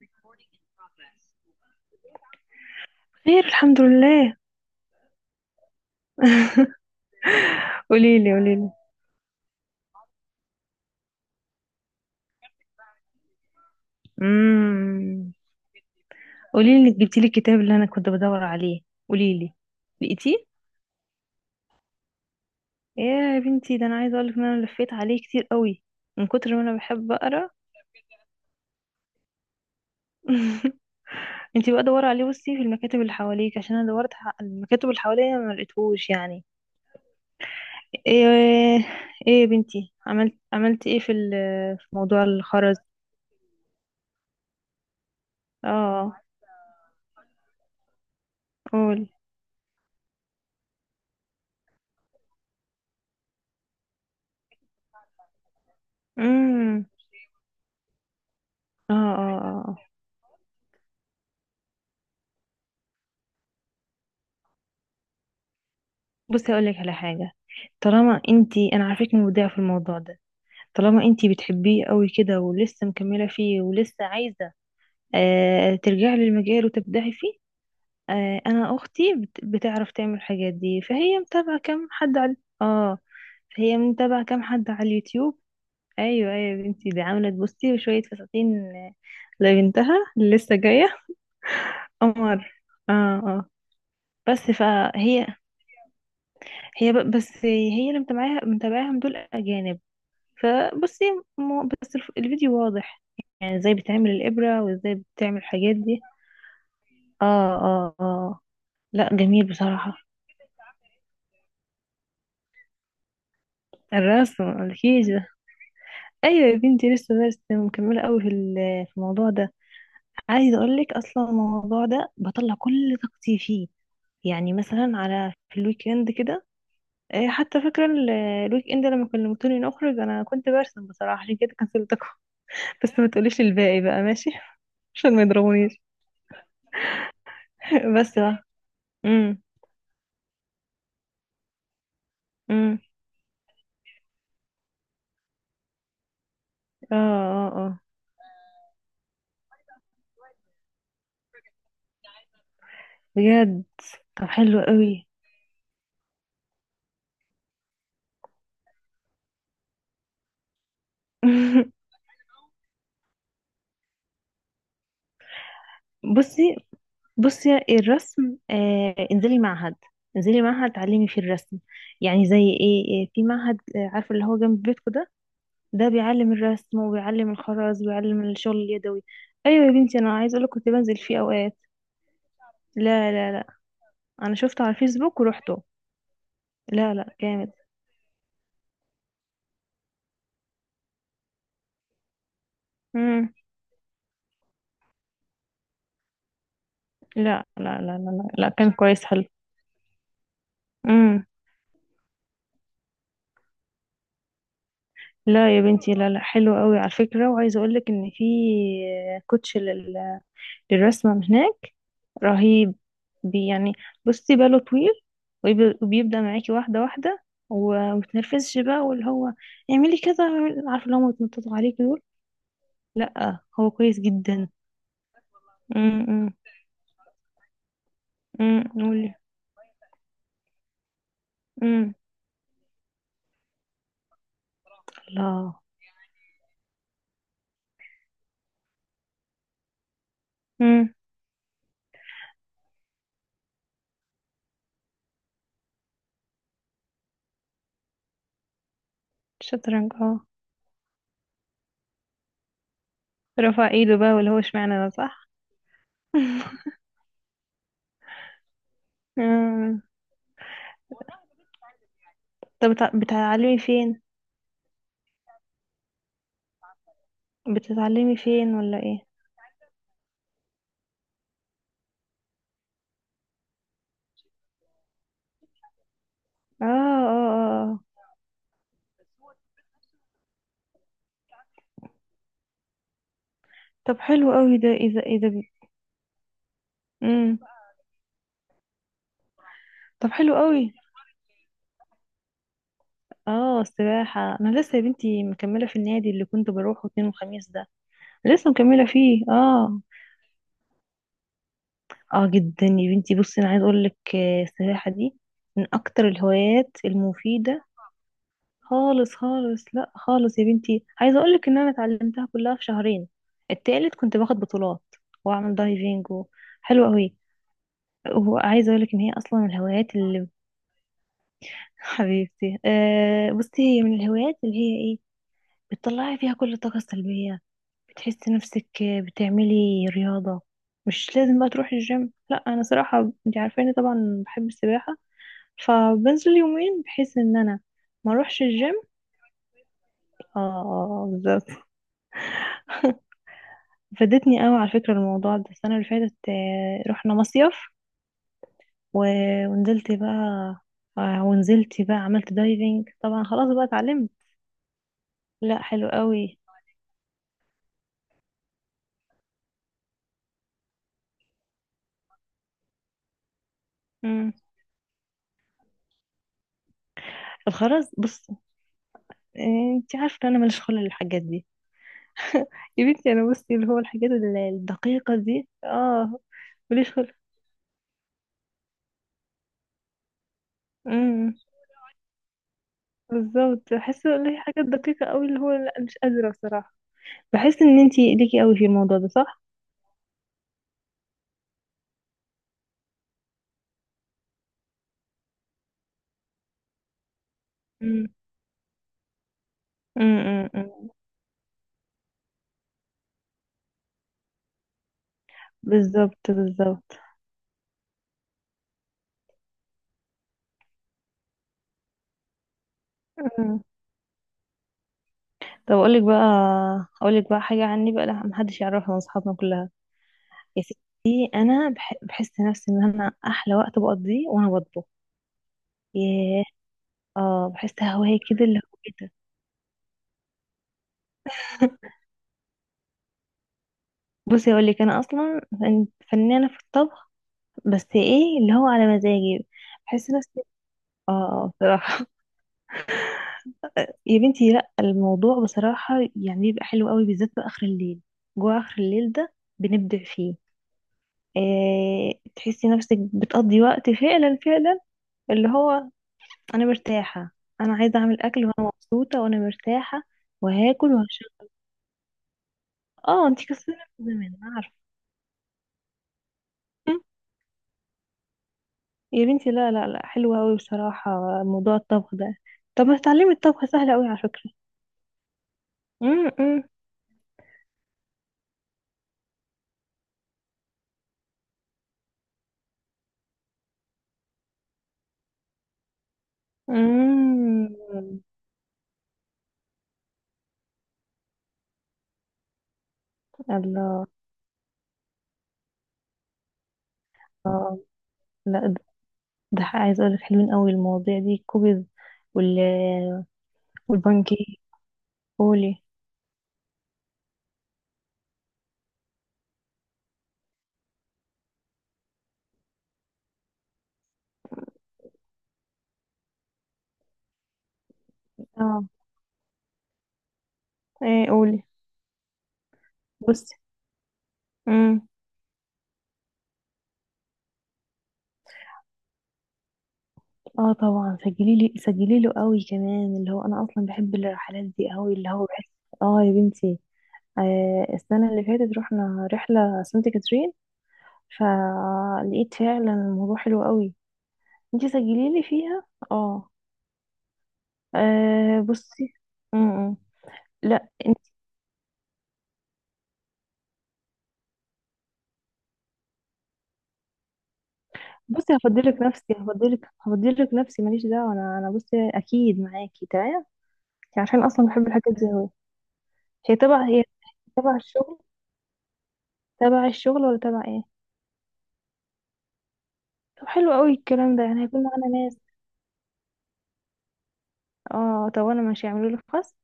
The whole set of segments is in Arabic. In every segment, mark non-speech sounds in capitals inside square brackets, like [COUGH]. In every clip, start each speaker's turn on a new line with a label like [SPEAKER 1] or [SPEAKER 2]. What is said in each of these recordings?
[SPEAKER 1] Recording in progress. خير، الحمد لله. قولي لي، قولي لي. امم. قولي لي، جبتي لي الكتاب اللي انا كنت بدور عليه؟ قولي لي. لقيتيه؟ يا بنتي، ده انا عايزه اقول لك ان انا لفيت عليه كتير قوي من كتر ما انا بحب اقرا. [LAUGHS] انتي بقى دوري عليه، بصي في المكاتب اللي حواليك، عشان انا دورت على المكاتب اللي حواليا ما لقيتهوش يعني. ايه؟ ايه يا بنتي، عملت ايه في موضوع الخرز؟ اه. قول. امم. اه، اه، اه، آه. بصي، اقول لك على حاجه. طالما انتي، انا عارفك مبدعه في الموضوع ده. طالما انتي بتحبيه قوي كده، ولسه مكمله فيه، ولسه عايزه ترجعي للمجال وتبدعي فيه. انا اختي بتعرف تعمل الحاجات دي، فهي متابعه كام حد على. اه. فهي متابعه كام حد على اليوتيوب. ايوه، ايوه يا بنتي، دي عملت، بصي شويه فساتين لبنتها اللي لسه جايه. قمر. اه. آه. بس فهي. هي بس هي اللي متابعاها متابعاهم دول اجانب. فبصي. بس الفيديو واضح. يعني ازاي بتعمل الابره، وازاي بتعمل الحاجات دي. اه، اه، اه. لا، جميل بصراحه. الرسم مقولكيش ده. ايوه يا بنتي، لسه برسم، مكمله قوي في الموضوع ده. عايزه اقول لك اصلا الموضوع ده بطلع كل طاقتي فيه. يعني مثلا، في الويك اند كده. إيه، حتى فاكره الويك اند لما كلمتوني نخرج، انا كنت برسم بصراحه عشان كده كنسلتكم. بس ما تقوليش الباقي بقى، ماشي؟ [LAUGHS] عشان ما يضربونيش. [LAUGHS] بس بقى. امم، امم. اه، اه، اه. بجد؟ طب، حلو قوي. [LAUGHS] بصي، بصي الرسم، انزلي معهد. انزلي معهد تعلمي فيه الرسم. يعني زي ايه، في معهد، عارفه اللي هو جنب بيتكو ده. ده بيعلم الرسم، وبيعلم الخراز، وبيعلم الشغل اليدوي. ايوه يا بنتي، انا عايزه اقولك كنت بنزل فيه اوقات. لا، لا، لا. انا شفته على الفيسبوك ورحته. لا، لا. جامد. لا، لا، لا، لا، لا، لا، كان كويس حلو. امم. لا يا بنتي، لا، لا، حلو قوي على فكرة، وعايزة اقول لك ان في كوتش للرسمة من هناك. رهيب. بي يعني. بصي، باله طويل. وبيبدأ معاكي واحدة واحدة. ومتنرفزش بقى، واللي هو. اعملي كذا، عارفة اللي هم بيتنططوا عليكي دول. لا، هو كويس جدا. امم، امم. قولي. امم. الله. امم. شطرنج، اه. رفع ايده بقى، واللي هو اشمعنى ده، صح؟ [LAUGHS] طب، بتتعلمي فين؟ بتتعلمي فين ولا ايه؟ اه، اه، اه، آه. طب حلو قوي ده، اذا. امم. طب، حلو قوي. اه، السباحة، انا لسه يا بنتي مكملة في النادي اللي كنت بروحه اتنين وخميس ده. لسه مكملة فيه، اه. اه جدا يا بنتي، بصي انا عايز اقول لك، السباحة دي من اكتر الهوايات المفيدة. خالص، خالص. لا، خالص يا بنتي، عايزه اقول لك ان انا اتعلمتها كلها في شهرين. التالت كنت باخد بطولات. واعمل دايفنج و. حلوه قوي. وعايزه اقول لك ان هي اصلا من الهوايات اللي. [LAUGHS] حبيبتي، بصي هي من الهوايات اللي هي ايه. بتطلعي فيها كل الطاقه السلبيه. بتحسي نفسك. بتعملي رياضه. مش لازم بقى تروحي الجيم، لا انا صراحه انت عارفاني طبعا بحب السباحه. فبنزل يومين بحيث ان انا ما اروحش الجيم. اه، بالظبط. فادتني قوي على فكرة الموضوع ده، السنة اللي فاتت رحنا مصيف. ونزلت بقى. ونزلت بقى عملت دايفنج طبعا، خلاص بقى اتعلمت. لا، حلو قوي. امم. طب خلاص، بص. انت عارفة ان انا ماليش خلق للحاجات دي. يا بنتي انا بصي، اللي هو الحاجات الدقيقة دي، اه. ماليش خلق. امم. بالظبط، بحس ان هي حاجات دقيقة قوي، اللي هو لا، مش قادرة بصراحة. بحس ان انت ليكي قوي في الموضوع ده، صح؟ امم، امم، أمم، أمم. بالظبط، بالظبط. مم. طب، اقول لك بقى. اقول لك بقى حاجه عني بقى، لا محدش يعرفها من اصحابنا كلها. يا ستي، انا بحس نفسي ان انا احلى وقت بقضيه وانا بطبخ. ياه. اه، بحس هوايه كده، اللي هو ايه ده. [LAUGHS] بصي اقول لك، انا اصلا فنانه في الطبخ. بس ايه اللي هو على مزاجي. بحس نفسي. اه، بصراحه. [LAUGHS] يا بنتي، لا الموضوع بصراحه يعني بيبقى حلو قوي، بالذات بقى اخر الليل. جوه اخر الليل ده. بنبدع فيه. إيه، تحسي نفسك بتقضي وقت، فعلا فعلا. اللي هو. انا مرتاحه. انا عايزه اعمل اكل وانا مبسوطه وانا مرتاحه. وهاكل وهشرب. اه، انتي كسلانه من زمان، أنا عارفه. [LAUGHS] يا بنتي، لا، لا، لا، حلوه قوي بصراحه. موضوع الطبخ ده. طب ما تتعلمي، الطبخ سهل قوي على فكره. امم، امم. الله. لا، ده. ده عايزه اقول لك، حلوين قوي المواضيع دي، الكوبز. وال والبانكيك. قولي. اه، ايه، قولي. بصي، اه طبعا سجلي لي، سجلي له قوي كمان، اللي هو انا اصلا بحب الرحلات دي قوي، اللي هو بحس. اه يا بنتي. السنه اللي فاتت رحنا رحله سانت كاترين. فلقيت فعلا الموضوع حلو قوي. انتي سجلي لي فيها. اه. بصي. م -م. لا، انت. بصي، هفضلك نفسي، هفضلك نفسي ماليش دعوه، انا بصي اكيد معاكي تمام. عشان اصلا بحب الحاجات دي قوي. هي تبع الشغل، تبع الشغل ولا تبع ايه؟ طب حلو قوي الكلام ده، يعني هيكون معانا ناس؟ اه طب، انا ماشي، اعملوا لي خاص.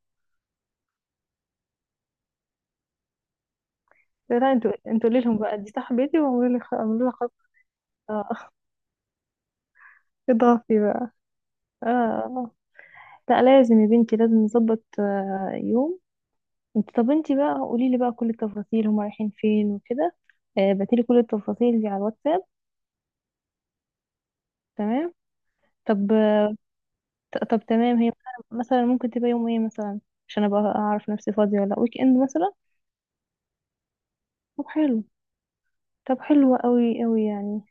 [SPEAKER 1] لا، لا، انتوا قولي لهم بقى دي صاحبتي، واعملوا لي اعملوا لها خاص. آه، [LAUGHS] اضافي بقى. اه، آه. لا لازم يا بنتي، لازم نظبط يوم. طب انتي بقى، قولي لي بقى كل التفاصيل، هما رايحين فين وكده. بعتيلي كل التفاصيل دي على الواتساب. تمام. طب. طب تمام، هي مثلاً ممكن تبقى يوم ايه مثلا؟ عشان ابقى اعرف نفسي فاضية ولا لا، ويك اند مثلا. طب حلو. طب، حلو قوي قوي يعني.